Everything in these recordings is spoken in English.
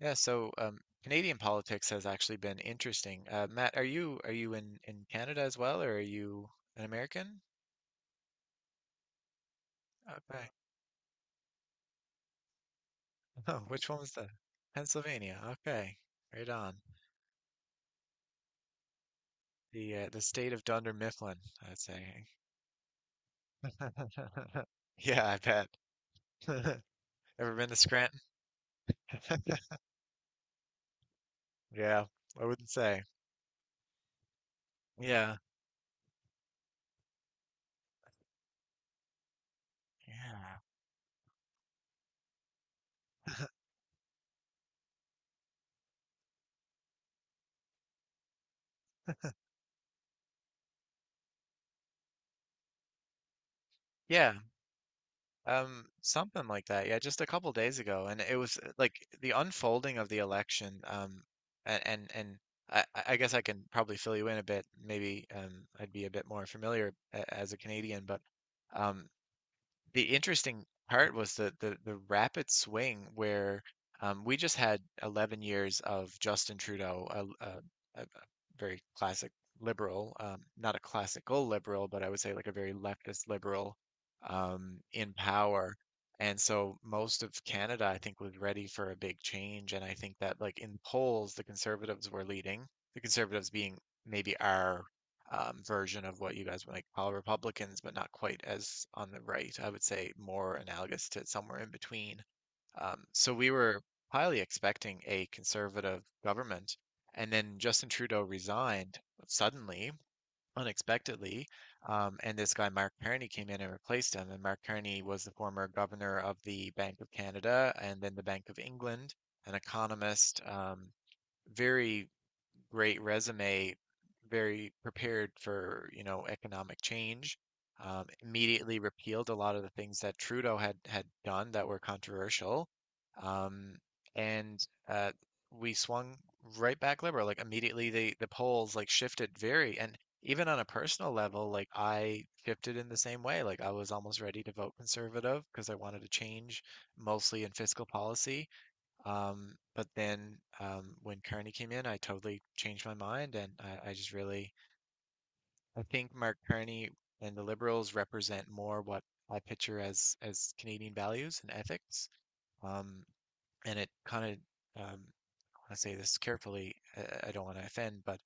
Canadian politics has actually been interesting. Matt, are you in Canada as well, or are you an American? Okay. Oh, which one was that? Pennsylvania. Okay, right on. The state of Dunder Mifflin, I'd say. Yeah, I bet. Ever been to Scranton? Yeah, I wouldn't say. Yeah, yeah, yeah. Something like that. Yeah, just a couple days ago, and it was like the unfolding of the election. And I guess I can probably fill you in a bit. Maybe I'd be a bit more familiar as a Canadian, but um, the interesting part was the rapid swing where we just had 11 years of Justin Trudeau, a very classic liberal, not a classical liberal, but I would say like a very leftist liberal in power. And so most of Canada, I think, was ready for a big change. And I think that like in polls, the Conservatives were leading, the Conservatives being maybe our version of what you guys would like call Republicans, but not quite as on the right. I would say more analogous to somewhere in between. So we were highly expecting a conservative government, and then Justin Trudeau resigned suddenly, unexpectedly, and this guy Mark Carney came in and replaced him. And Mark Carney was the former governor of the Bank of Canada and then the Bank of England, an economist, very great resume, very prepared for, you know, economic change. Immediately repealed a lot of the things that Trudeau had done that were controversial, um, and uh, we swung right back liberal. Like immediately, the polls like shifted very, and even on a personal level, like I shifted in the same way. Like I was almost ready to vote conservative because I wanted to change mostly in fiscal policy. But then when Kearney came in, I totally changed my mind, and I just really I think Mark Kearney and the Liberals represent more what I picture as Canadian values and ethics. Um, and it kind of I say this carefully. I don't want to offend, but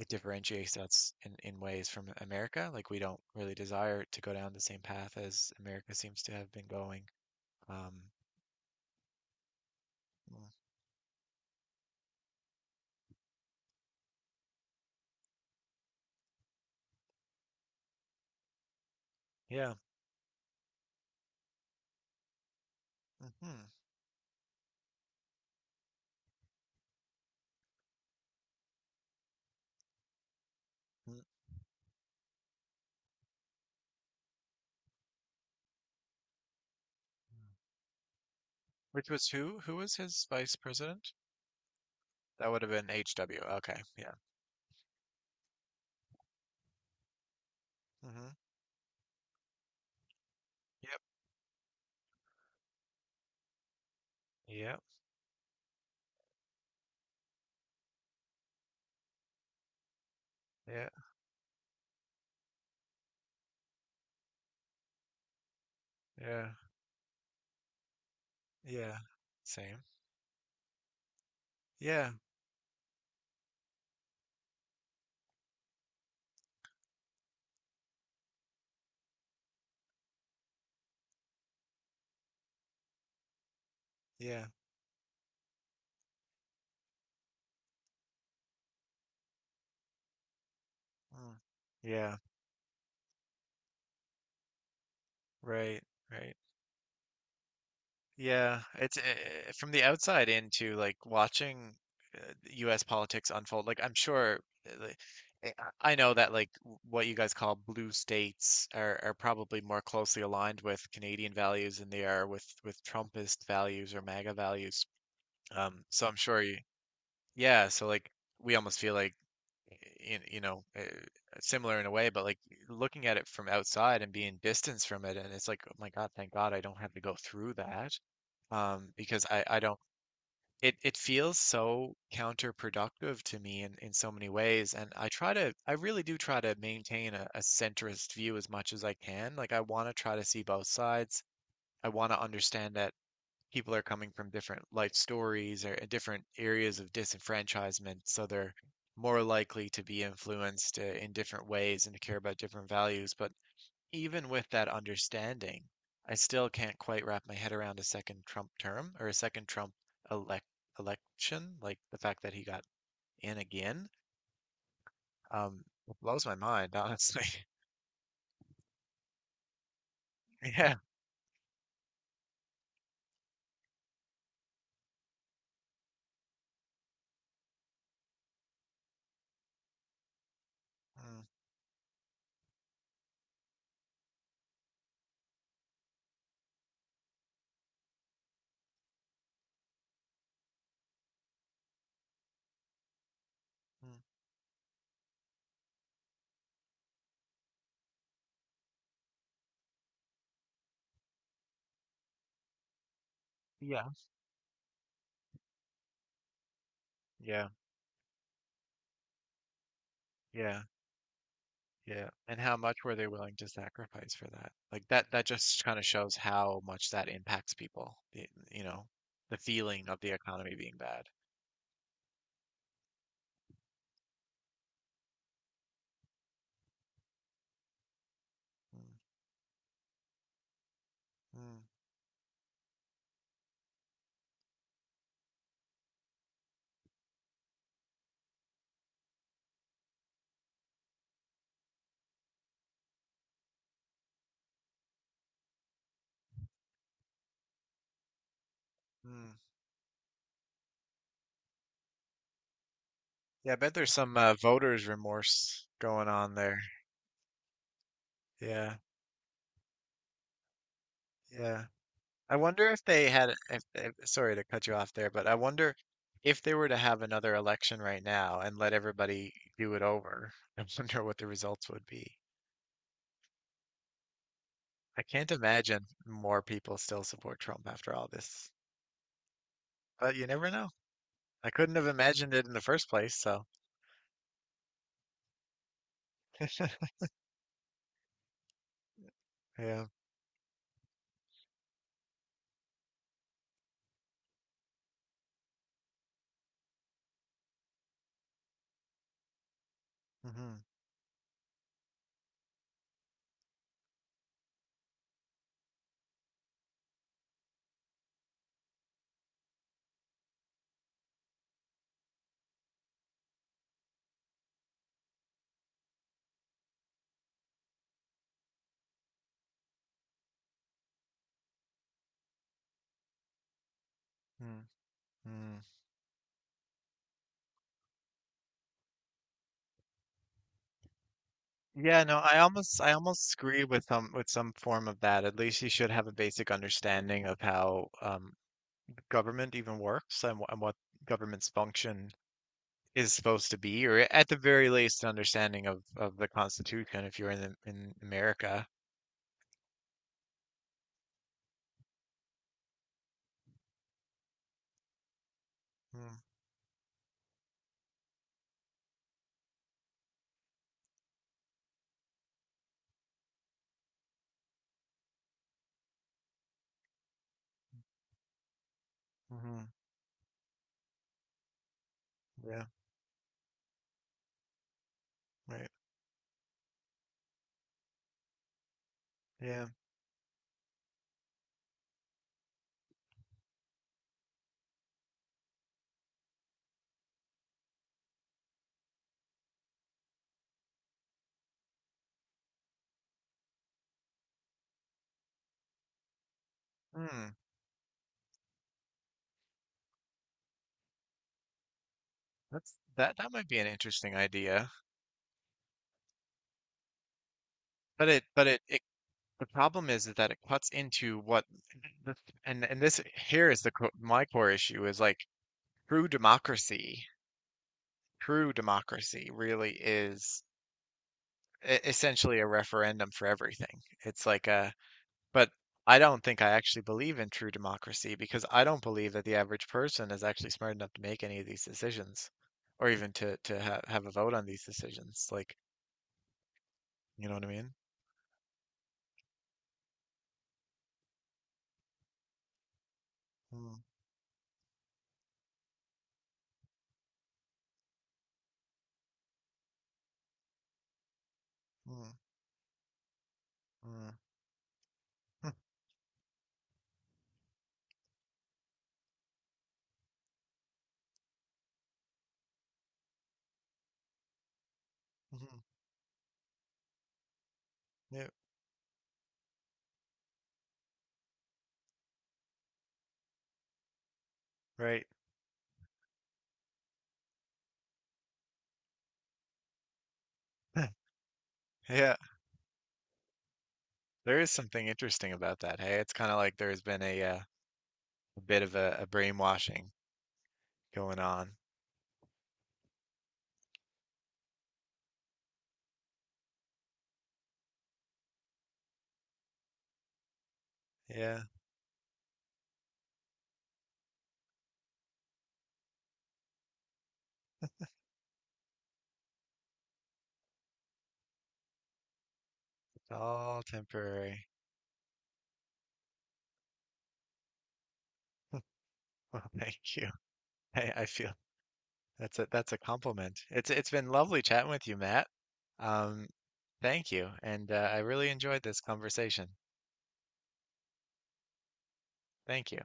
it differentiates us in ways from America. Like we don't really desire to go down the same path as America seems to have been going. Um, yeah. Hmm. Which was who? Who was his vice president? That would have been HW. Okay. Yeah. Hmm. Yep. Yep. Yeah. Yeah. Yeah. Same. Yeah. Yeah. Mm. Yeah. Right. Right. Yeah. It's from the outside into like watching U.S. politics unfold. Like I'm sure. uh, like, eh, I know that like what you guys call blue states are probably more closely aligned with Canadian values than they are with Trumpist values or MAGA values. So I'm sure you, yeah, so like we almost feel like you know similar in a way, but like looking at it from outside and being distanced from it, and it's like, oh my God, thank God I don't have to go through that. Because I don't it feels so counterproductive to me in so many ways. And I try to I really do try to maintain a centrist view as much as I can. Like I want to try to see both sides. I want to understand that people are coming from different life stories or different areas of disenfranchisement, so they're more likely to be influenced in different ways and to care about different values. But even with that understanding, I still can't quite wrap my head around a second Trump term or a second Trump elect election, like the fact that he got in again. Um, it blows my mind, honestly. Yeah. Mm. Mm. Yeah. Yeah. Yeah. Yeah, and how much were they willing to sacrifice for that? Like that that just kind of shows how much that impacts people. The, you know, the feeling of the economy being bad. Mm. Mm. Mm. Yeah, I bet there's some voters' remorse going on there. Yeah, yeah. I wonder if they had if sorry to cut you off there, but I wonder if they were to have another election right now and let everybody do it over, I wonder what the results would be. I can't imagine more people still support Trump after all this. But you never know. I couldn't have imagined it in the first place, so yeah. Hmm. Mm. Mm. Yeah, no, I almost agree with some form of that. At least you should have a basic understanding of how government even works and, and what government's function is supposed to be, or at the very least, an understanding of the Constitution if you're in the, in America. Mm-hmm. Yeah, right. Yeah. Mm. That that might be an interesting idea. But it, it the problem is that it cuts into what, and this here is the my core issue is like true democracy. True democracy really is essentially a referendum for everything. It's like a, but I don't think I actually believe in true democracy because I don't believe that the average person is actually smart enough to make any of these decisions, or even to ha have a vote on these decisions. Like, you know what I mean? Mm. Mm. Mm. Yeah, right. Yeah. There is something interesting about that. Hey, it's kind of like there's been a bit of a brainwashing going on. Yeah, it's all temporary. Well, thank you. Hey, I feel that's a compliment. It's been lovely chatting with you, Matt. Um, Thank you, and I really enjoyed this conversation. Thank you.